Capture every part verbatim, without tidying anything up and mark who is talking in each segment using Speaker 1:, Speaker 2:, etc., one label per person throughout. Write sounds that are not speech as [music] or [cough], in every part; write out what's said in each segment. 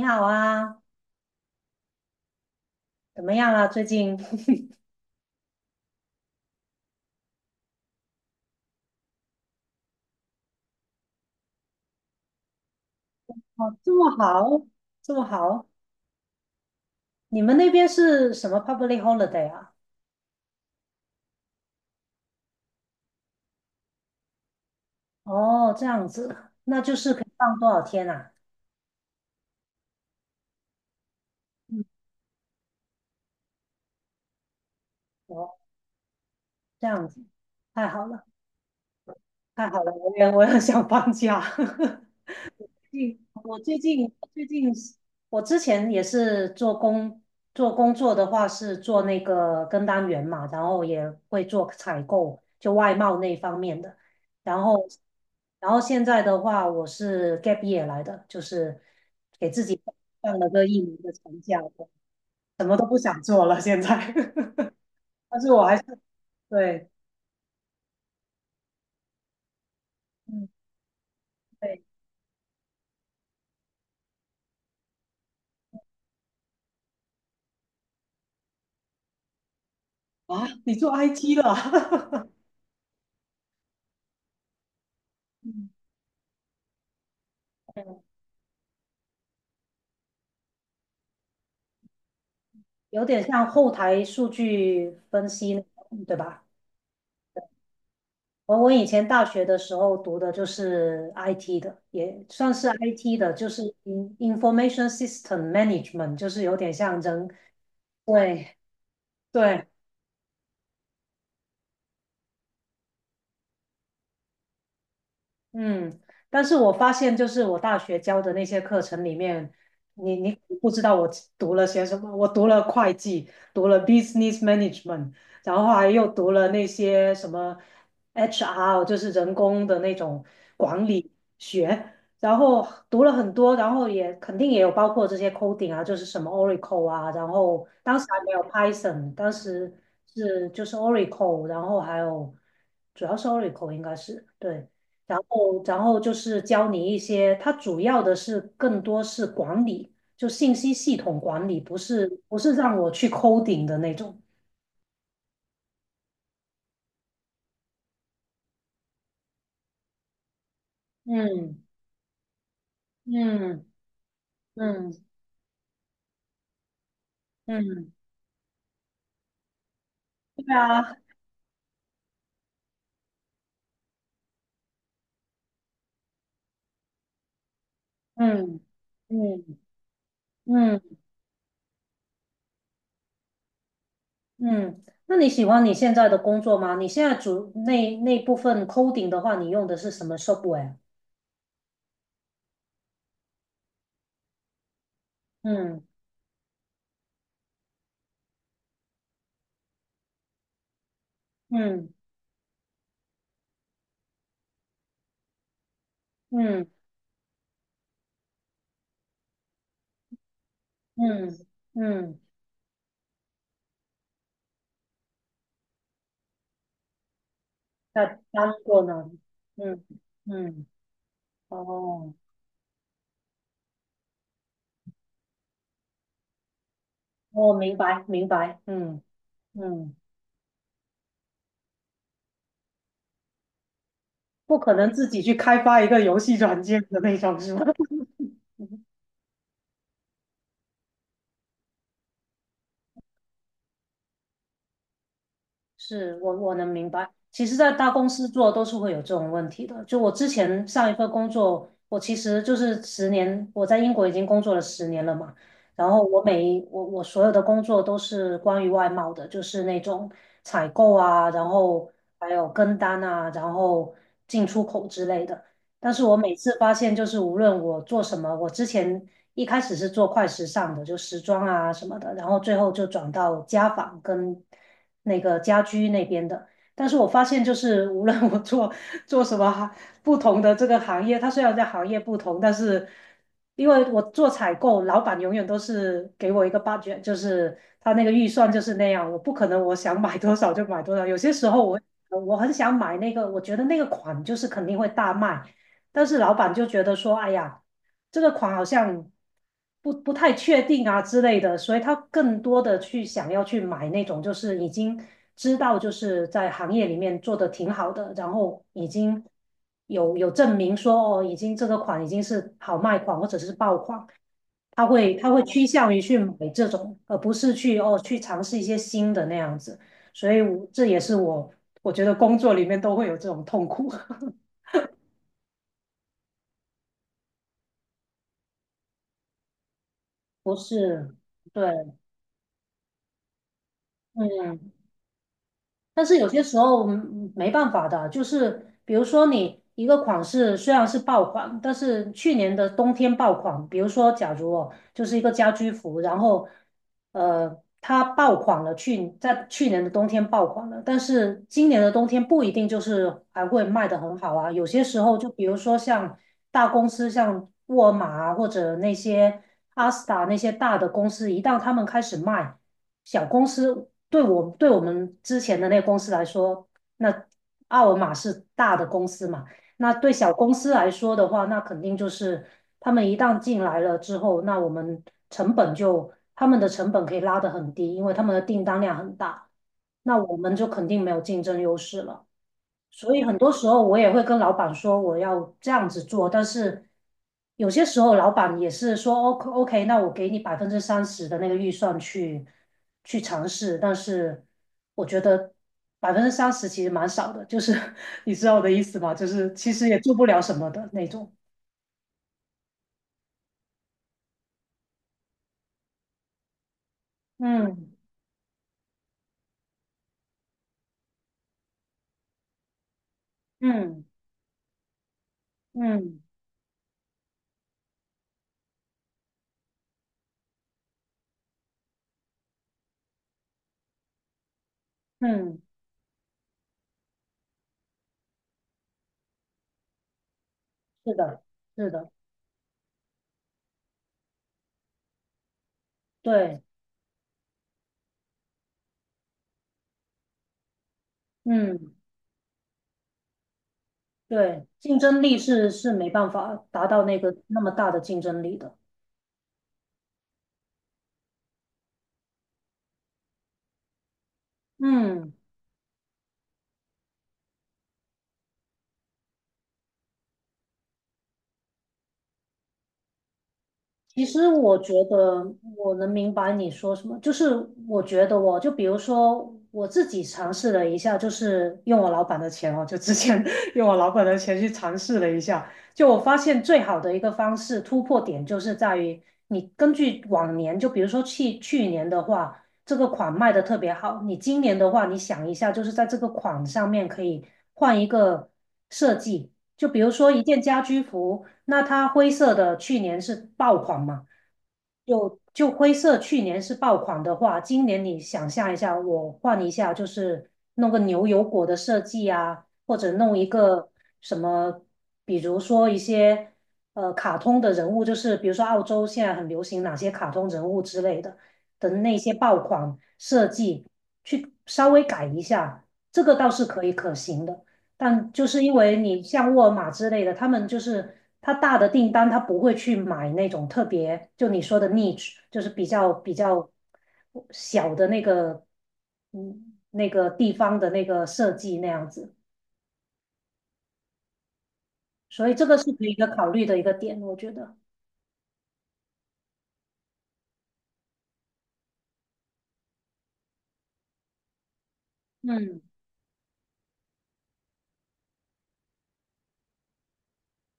Speaker 1: 你好啊，怎么样啊？最近 [laughs] 哦，这么好，这么好。你们那边是什么 public holiday 啊？哦，这样子，那就是可以放多少天啊？嗯，哦，这样子，太好了，太好了，我也我也想放假。[laughs] 近我最近最近我之前也是做工做工作的话是做那个跟单员嘛，然后也会做采购，就外贸那方面的。然后然后现在的话，我是 gap year 来的，就是给自己放了个一年的长假，什么都不想做了现在。[laughs] 但是我还是对，嗯对啊，你做 I T 了，[laughs] 嗯有点像后台数据分析那种，对吧？我我以前大学的时候读的就是 I T 的，也算是 I T 的，就是 in- Information System Management，就是有点像人，对对，嗯，但是我发现，就是我大学教的那些课程里面，你你不知道我读了些什么，我读了会计，读了 business management，然后还又读了那些什么 H R，就是人工的那种管理学，然后读了很多，然后也肯定也有包括这些 coding 啊，就是什么 Oracle 啊，然后当时还没有 Python，当时是就是 Oracle，然后还有主要是 Oracle 应该是对。然后，然后就是教你一些，它主要的是更多是管理，就信息系统管理，不是不是让我去 coding 的那种。嗯嗯嗯嗯，对啊，嗯嗯嗯嗯。那你喜欢你现在的工作吗？你现在主那那部分 coding 的话，你用的是什么 software？嗯嗯嗯嗯嗯，那当过呢？嗯嗯，哦。我明白，明白，嗯嗯，不可能自己去开发一个游戏软件的那种，是吧？[laughs] 是我我能明白。其实，在大公司做都是会有这种问题的。就我之前上一份工作，我其实就是十年，我在英国已经工作了十年了嘛。然后我每一我我所有的工作都是关于外贸的，就是那种采购啊，然后还有跟单啊，然后进出口之类的。但是我每次发现，就是无论我做什么，我之前一开始是做快时尚的，就时装啊什么的，然后最后就转到家纺跟那个家居那边的。但是我发现，就是无论我做做什么行不同的这个行业，它虽然在行业不同，但是因为我做采购，老板永远都是给我一个 budget，就是他那个预算就是那样，我不可能我想买多少就买多少。有些时候我我很想买那个，我觉得那个款就是肯定会大卖。但是老板就觉得说，哎呀，这个款好像不不太确定啊之类的，所以他更多的去想要去买那种就是已经知道就是在行业里面做的挺好的，然后已经有有证明说哦，已经这个款已经是好卖款或者是爆款，他会他会趋向于去买这种，而不是去哦去尝试一些新的那样子，所以我这也是我我觉得工作里面都会有这种痛苦，[laughs] 不是。对，嗯，但是有些时候嗯没办法的，就是比如说你一个款式虽然是爆款，但是去年的冬天爆款，比如说假如哦，就是一个家居服，然后呃它爆款了去，在去年的冬天爆款了，但是今年的冬天不一定就是还会卖得很好啊，有些时候就比如说像大公司，像沃尔玛啊，或者那些阿斯达那些大的公司，一旦他们开始卖。小公司对我对我们之前的那个公司来说，那奥尔玛是大的公司嘛，那对小公司来说的话，那肯定就是他们一旦进来了之后，那我们成本就他们的成本可以拉得很低，因为他们的订单量很大，那我们就肯定没有竞争优势了。所以很多时候我也会跟老板说我要这样子做，但是有些时候老板也是说 OK OK，那我给你百分之三十的那个预算去去尝试，但是我觉得百分之三十其实蛮少的，就是 [laughs] 你知道我的意思吗？就是其实也做不了什么的那种。嗯嗯嗯嗯，是的，是的，对，嗯对，竞争力是是没办法达到那个那么大的竞争力的。嗯。其实我觉得我能明白你说什么，就是我觉得我就比如说我自己尝试了一下，就是用我老板的钱哦，就之前 [laughs] 用我老板的钱去尝试了一下，就我发现最好的一个方式突破点就是在于你根据往年，就比如说去去年的话，这个款卖的特别好，你今年的话，你想一下，就是在这个款上面可以换一个设计，就比如说一件家居服。那它灰色的去年是爆款嘛？就就灰色去年是爆款的话，今年你想象一下，我换一下，就是弄个牛油果的设计啊，或者弄一个什么，比如说一些呃卡通的人物，就是比如说澳洲现在很流行哪些卡通人物之类的的那些爆款设计，去稍微改一下，这个倒是可以可行的。但就是因为你像沃尔玛之类的，他们就是他大的订单，他不会去买那种特别，就你说的 niche，就是比较比较小的那个，嗯，那个地方的那个设计那样子，所以这个是可以一个考虑的一个点，我觉得。嗯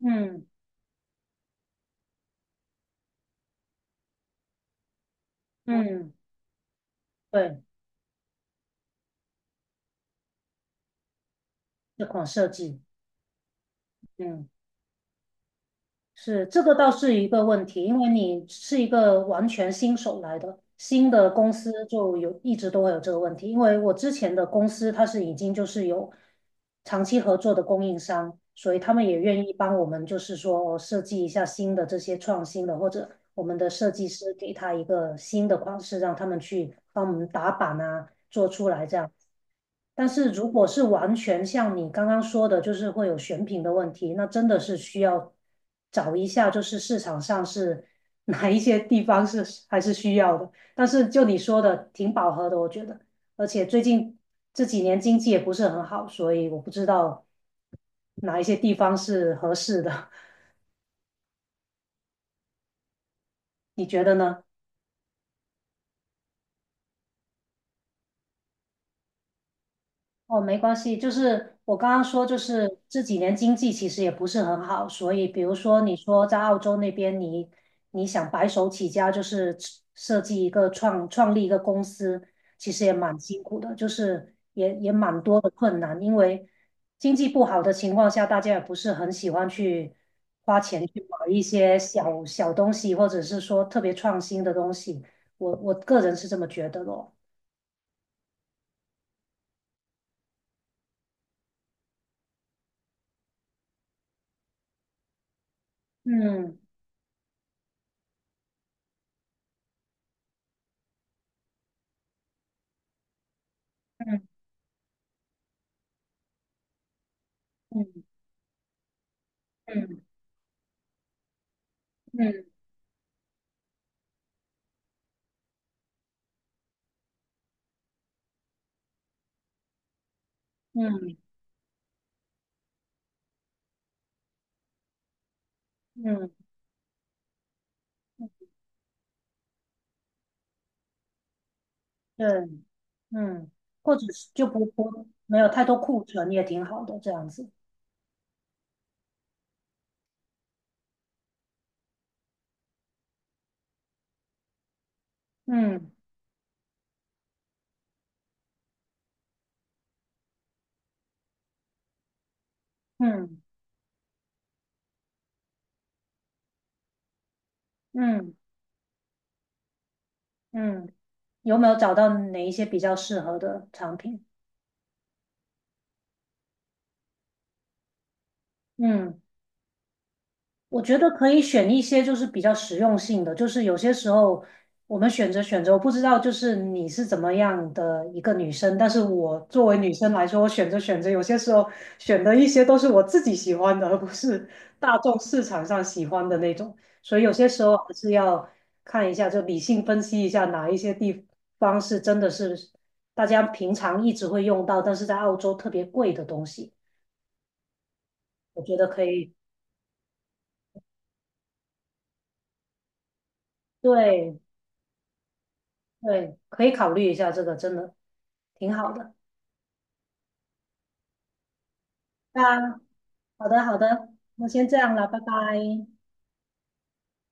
Speaker 1: 嗯嗯，对，这款设计，嗯。是，这个倒是一个问题，因为你是一个完全新手来的，新的公司就有一直都会有这个问题。因为我之前的公司它是已经就是有长期合作的供应商，所以他们也愿意帮我们，就是说哦设计一下新的这些创新的，或者我们的设计师给他一个新的款式，让他们去帮我们打版啊，做出来这样。但是如果是完全像你刚刚说的，就是会有选品的问题，那真的是需要找一下，就是市场上是 [laughs] 哪一些地方是还是需要的。但是就你说的，挺饱和的，我觉得。而且最近这几年经济也不是很好，所以我不知道哪一些地方是合适的。[laughs] 你觉得呢？哦，没关系，就是我刚刚说，就是这几年经济其实也不是很好，所以比如说你说在澳洲那边你，你想白手起家，就是设计一个创创立一个公司，其实也蛮辛苦的，就是也也蛮多的困难，因为经济不好的情况下，大家也不是很喜欢去花钱去买一些小小东西，或者是说特别创新的东西，我我个人是这么觉得咯。嗯嗯嗯嗯嗯。嗯嗯，对，嗯，或者是就不不没有太多库存也挺好的，这样子。嗯嗯嗯嗯，嗯有没有找到哪一些比较适合的产品？嗯。我觉得可以选一些就是比较实用性的，就是有些时候我们选择选择，我不知道就是你是怎么样的一个女生，但是我作为女生来说，我选择选择，有些时候选的一些都是我自己喜欢的，而不是大众市场上喜欢的那种，所以有些时候还是要看一下，就理性分析一下哪一些地方是真的是大家平常一直会用到，但是在澳洲特别贵的东西，我觉得可以。对，对，可以考虑一下这个，真的挺好的。那好的，好的，那先这样了，拜拜。